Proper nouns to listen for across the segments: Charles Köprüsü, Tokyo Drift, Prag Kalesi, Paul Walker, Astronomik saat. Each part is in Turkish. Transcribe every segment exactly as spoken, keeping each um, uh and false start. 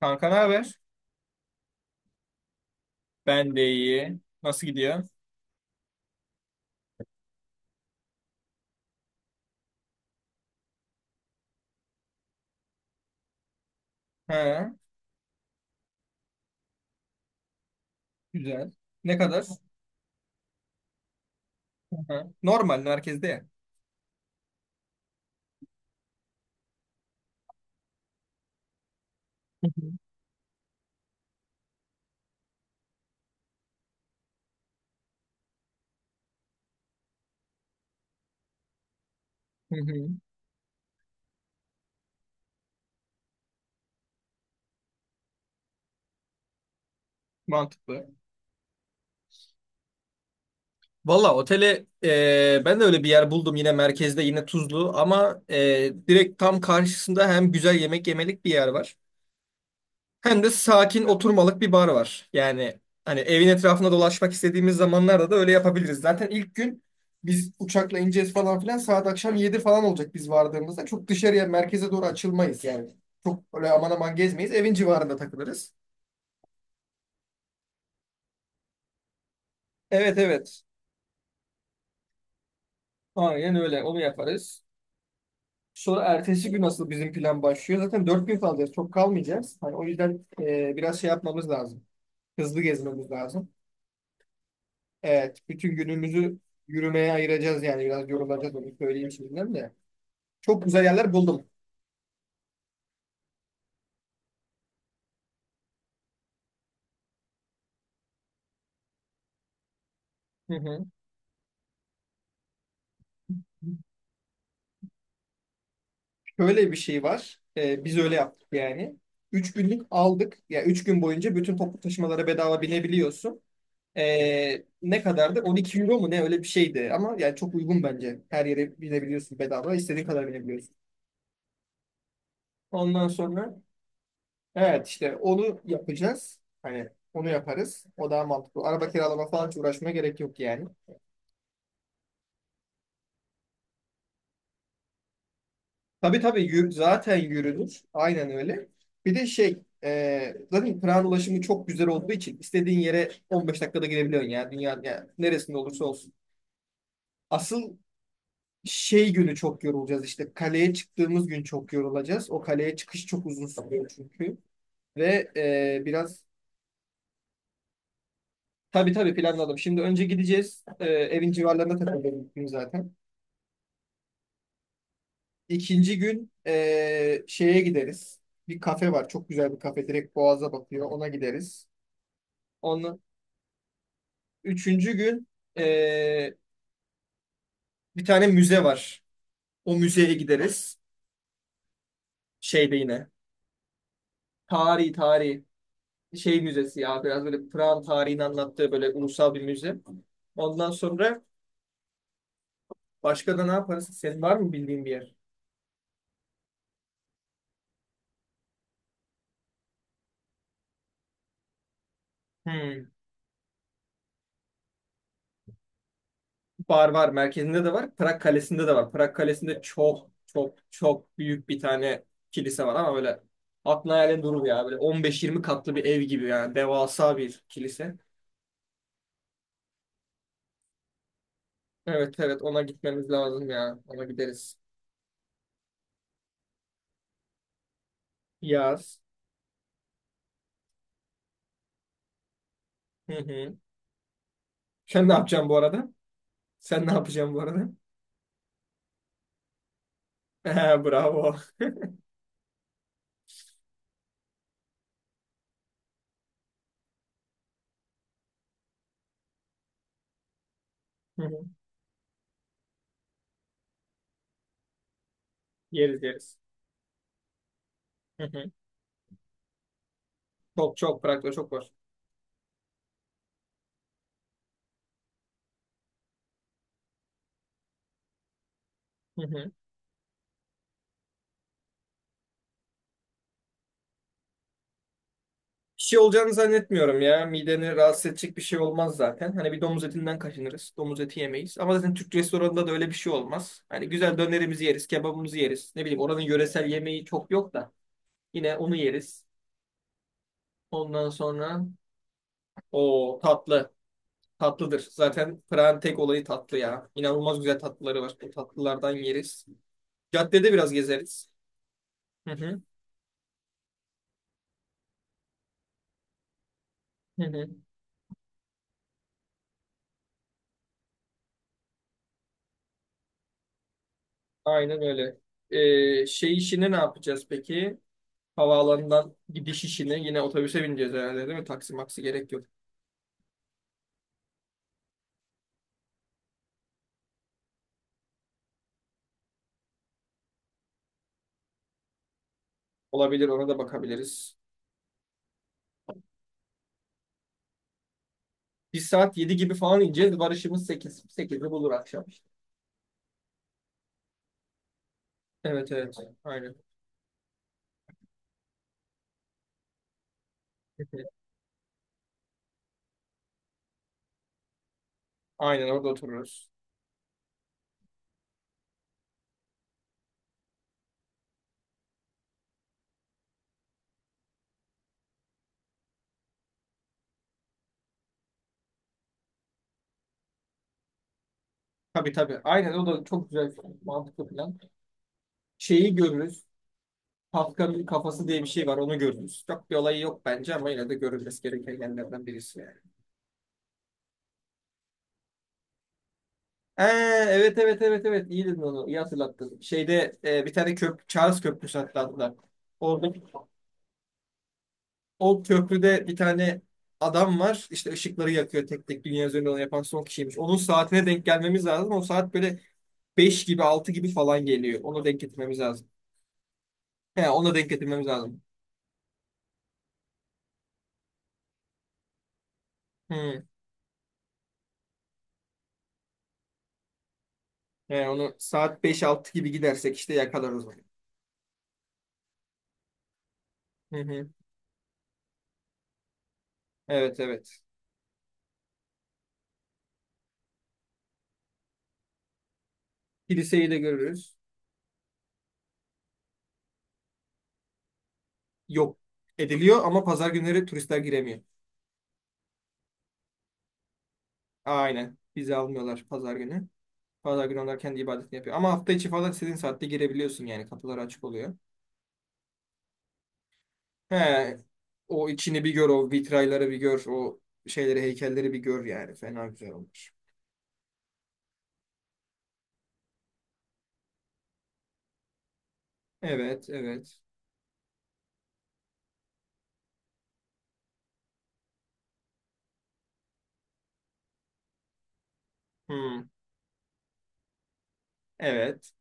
Kanka ne haber? Ben de iyi. Nasıl gidiyor? Ha, güzel. Ne kadar? Ha, normal merkezde ya. Hı hı. Hı hı. Mantıklı. Valla otele e, ben de öyle bir yer buldum yine merkezde yine Tuzlu ama e, direkt tam karşısında hem güzel yemek yemelik bir yer var. Hem de sakin oturmalık bir bar var. Yani hani evin etrafında dolaşmak istediğimiz zamanlarda da öyle yapabiliriz. Zaten ilk gün biz uçakla ineceğiz falan filan saat akşam yedi falan olacak biz vardığımızda. Çok dışarıya merkeze doğru açılmayız yani. Çok öyle aman aman gezmeyiz. Evin civarında takılırız. Evet evet. Aynen öyle. Onu yaparız. Sonra ertesi gün nasıl bizim plan başlıyor. Zaten dört gün kalacağız. Çok kalmayacağız. Hani o yüzden e, biraz şey yapmamız lazım. Hızlı gezmemiz lazım. Evet, bütün günümüzü yürümeye ayıracağız yani biraz yorulacağız onu söyleyeyim şimdiden de. Çok güzel yerler buldum. Hı hı. Şöyle bir şey var. Ee, biz öyle yaptık yani. Üç günlük aldık. Ya yani üç gün boyunca bütün toplu taşımalara bedava binebiliyorsun. Ee, ne kadardı? On iki euro mu ne öyle bir şeydi. Ama yani çok uygun bence. Her yere binebiliyorsun bedava. İstediğin kadar binebiliyorsun. Ondan sonra evet işte onu yapacağız. Hani onu yaparız. O daha mantıklı. Araba kiralama falan hiç uğraşmaya gerek yok yani. Tabii tabii yür- zaten yürünür. Aynen öyle. Bir de şey e, zaten tren ulaşımı çok güzel olduğu için istediğin yere on beş dakikada gidebiliyorsun ya. Dünyanın yani neresinde olursa olsun. Asıl şey günü çok yorulacağız işte. Kaleye çıktığımız gün çok yorulacağız. O kaleye çıkış çok uzun sürüyor çünkü. Ve e, biraz tabii tabii planladım. Şimdi önce gideceğiz. E, evin civarlarında takılacağız ilk gün zaten. İkinci gün e, şeye gideriz. Bir kafe var. Çok güzel bir kafe. Direkt Boğaz'a bakıyor. Ona gideriz. Onun üçüncü gün eee, bir tane müze var. O müzeye gideriz. Şeyde yine. Tarihi tarihi. Şey müzesi ya biraz böyle Pırak'ın tarihini anlattığı böyle ulusal bir müze. Ondan sonra başka da ne yaparız? Senin var mı bildiğin bir yer? Hmm. Bar var. Merkezinde de var. Prag Kalesi'nde de var. Prag Kalesi'nde çok çok çok büyük bir tane kilise var ama böyle aklına hayalin durur ya. Böyle on beş yirmi katlı bir ev gibi yani. Devasa bir kilise. Evet evet ona gitmemiz lazım ya. Ona gideriz. Yaz. Hı hı. Sen ne yapacaksın bu arada? Sen ne yapacaksın bu arada? He, bravo. Hı hı. Yeriz yeriz. Hı hı. Çok çok bırak çok var. Hı hı. Bir şey olacağını zannetmiyorum ya. Mideni rahatsız edecek bir şey olmaz zaten. Hani bir domuz etinden kaçınırız. Domuz eti yemeyiz. Ama zaten Türk restoranında da öyle bir şey olmaz. Hani güzel dönerimizi yeriz, kebabımızı yeriz. Ne bileyim oranın yöresel yemeği çok yok da. Yine onu yeriz. Ondan sonra o tatlı. Tatlıdır. Zaten Prag'ın tek olayı tatlı ya. İnanılmaz güzel tatlıları var. Bu tatlılardan yeriz. Caddede biraz gezeriz. Hı hı. Hı hı. Aynen öyle. Ee, şey işini ne yapacağız peki? Havaalanından gidiş işini yine otobüse bineceğiz herhalde değil mi? Taksi maksi gerek yok. Olabilir ona da bakabiliriz. Bir saat yedi gibi falan ineceğiz. Varışımız sekiz sekizi bulur akşam. Evet evet. Aynen. Aynen orada otururuz. Tabii tabii. Aynen o da çok güzel mantıklı plan. Şeyi görürüz. Kafka'nın kafası diye bir şey var onu gördünüz. Çok bir olayı yok bence ama yine de görülmesi gereken yerlerden birisi yani. Ee, evet evet evet evet iyi dedin onu iyi hatırlattın. Şeyde e, bir tane köprü Charles Köprüsü hatta orada o köprüde bir tane adam var işte ışıkları yakıyor tek tek dünya üzerinde onu yapan son kişiymiş. Onun saatine denk gelmemiz lazım. O saat böyle beş gibi altı gibi falan geliyor. Onu denk getirmemiz lazım. He, onu denk getirmemiz lazım. Hı. He, onu saat beş altı gibi gidersek işte yakalarız onu. Hı hı. Evet evet. Kiliseyi de görürüz. Yok ediliyor ama pazar günleri turistler giremiyor. Aynen. Vize almıyorlar pazar günü. Pazar günü onlar kendi ibadetini yapıyor. Ama hafta içi falan istediğin saatte girebiliyorsun yani. Kapılar açık oluyor. He, o içini bir gör, o vitrayları bir gör, o şeyleri, heykelleri bir gör yani. Fena güzel olmuş. Evet, evet. Hmm, evet.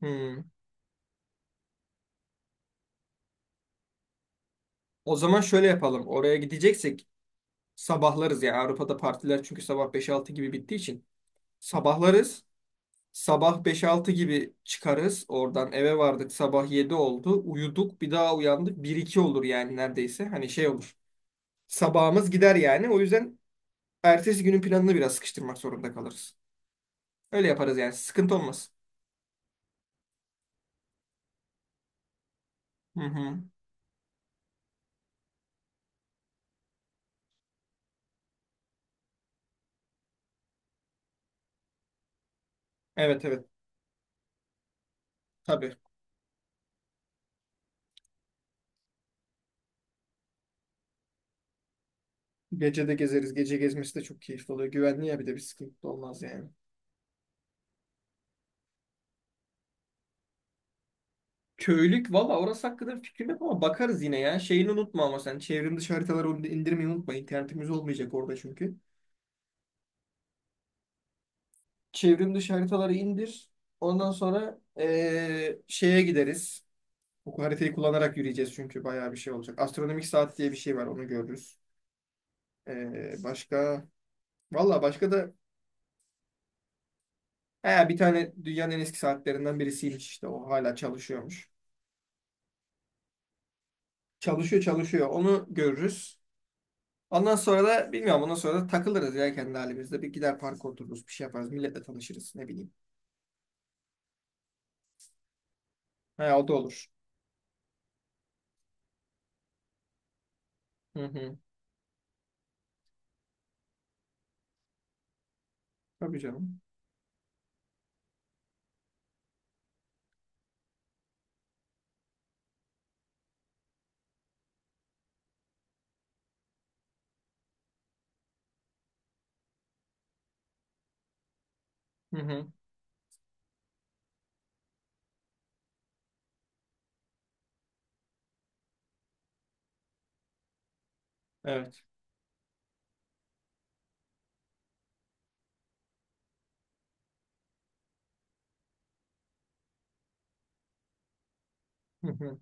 Hmm. O zaman şöyle yapalım. Oraya gideceksek sabahlarız ya. Avrupa'da partiler çünkü sabah beş altı gibi bittiği için. Sabahlarız. Sabah beş altı gibi çıkarız. Oradan eve vardık. Sabah yedi oldu. Uyuduk. Bir daha uyandık. Bir iki olur yani neredeyse. Hani şey olur. Sabahımız gider yani. O yüzden ertesi günün planını biraz sıkıştırmak zorunda kalırız. Öyle yaparız yani. Sıkıntı olmaz. Hı hı. Evet evet. Tabii. Gece de gezeriz. Gece gezmesi de çok keyifli oluyor. Güvenli ya bir de bir sıkıntı da olmaz yani. Köylük valla orası hakkında bir fikrim yok ama bakarız yine ya. Şeyini unutma ama sen çevrim dışı haritaları indirmeyi unutma. İnternetimiz olmayacak orada çünkü. Çevrim dışı haritaları indir. Ondan sonra eee, şeye gideriz. Bu haritayı kullanarak yürüyeceğiz çünkü bayağı bir şey olacak. Astronomik saat diye bir şey var onu görürüz. Eee, başka? Valla başka da he, bir tane dünyanın en eski saatlerinden birisiymiş işte o hala çalışıyormuş. Çalışıyor çalışıyor onu görürüz. Ondan sonra da bilmiyorum ondan sonra da takılırız ya kendi halimizde. Bir gider parka otururuz bir şey yaparız milletle tanışırız ne bileyim. He, o da olur. Hı hı. Tabii canım. Hı hı. Evet. Hı hı.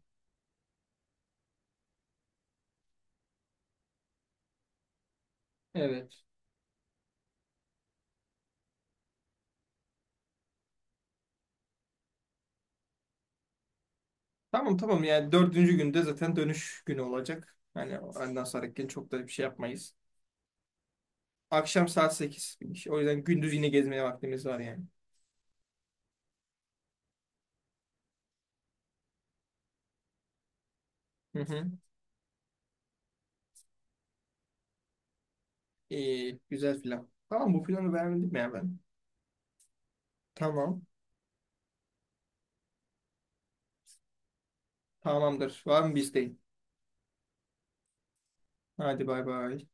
Evet. Tamam tamam yani dördüncü günde zaten dönüş günü olacak. Hani ondan sonraki gün çok da bir şey yapmayız. Akşam saat sekiz. O yüzden gündüz yine gezmeye vaktimiz var yani. Hı hı. İyi, güzel plan. Tamam bu planı beğendim ya ben. Tamam. Tamamdır. Var mı bizdeyim? Hadi bay bay.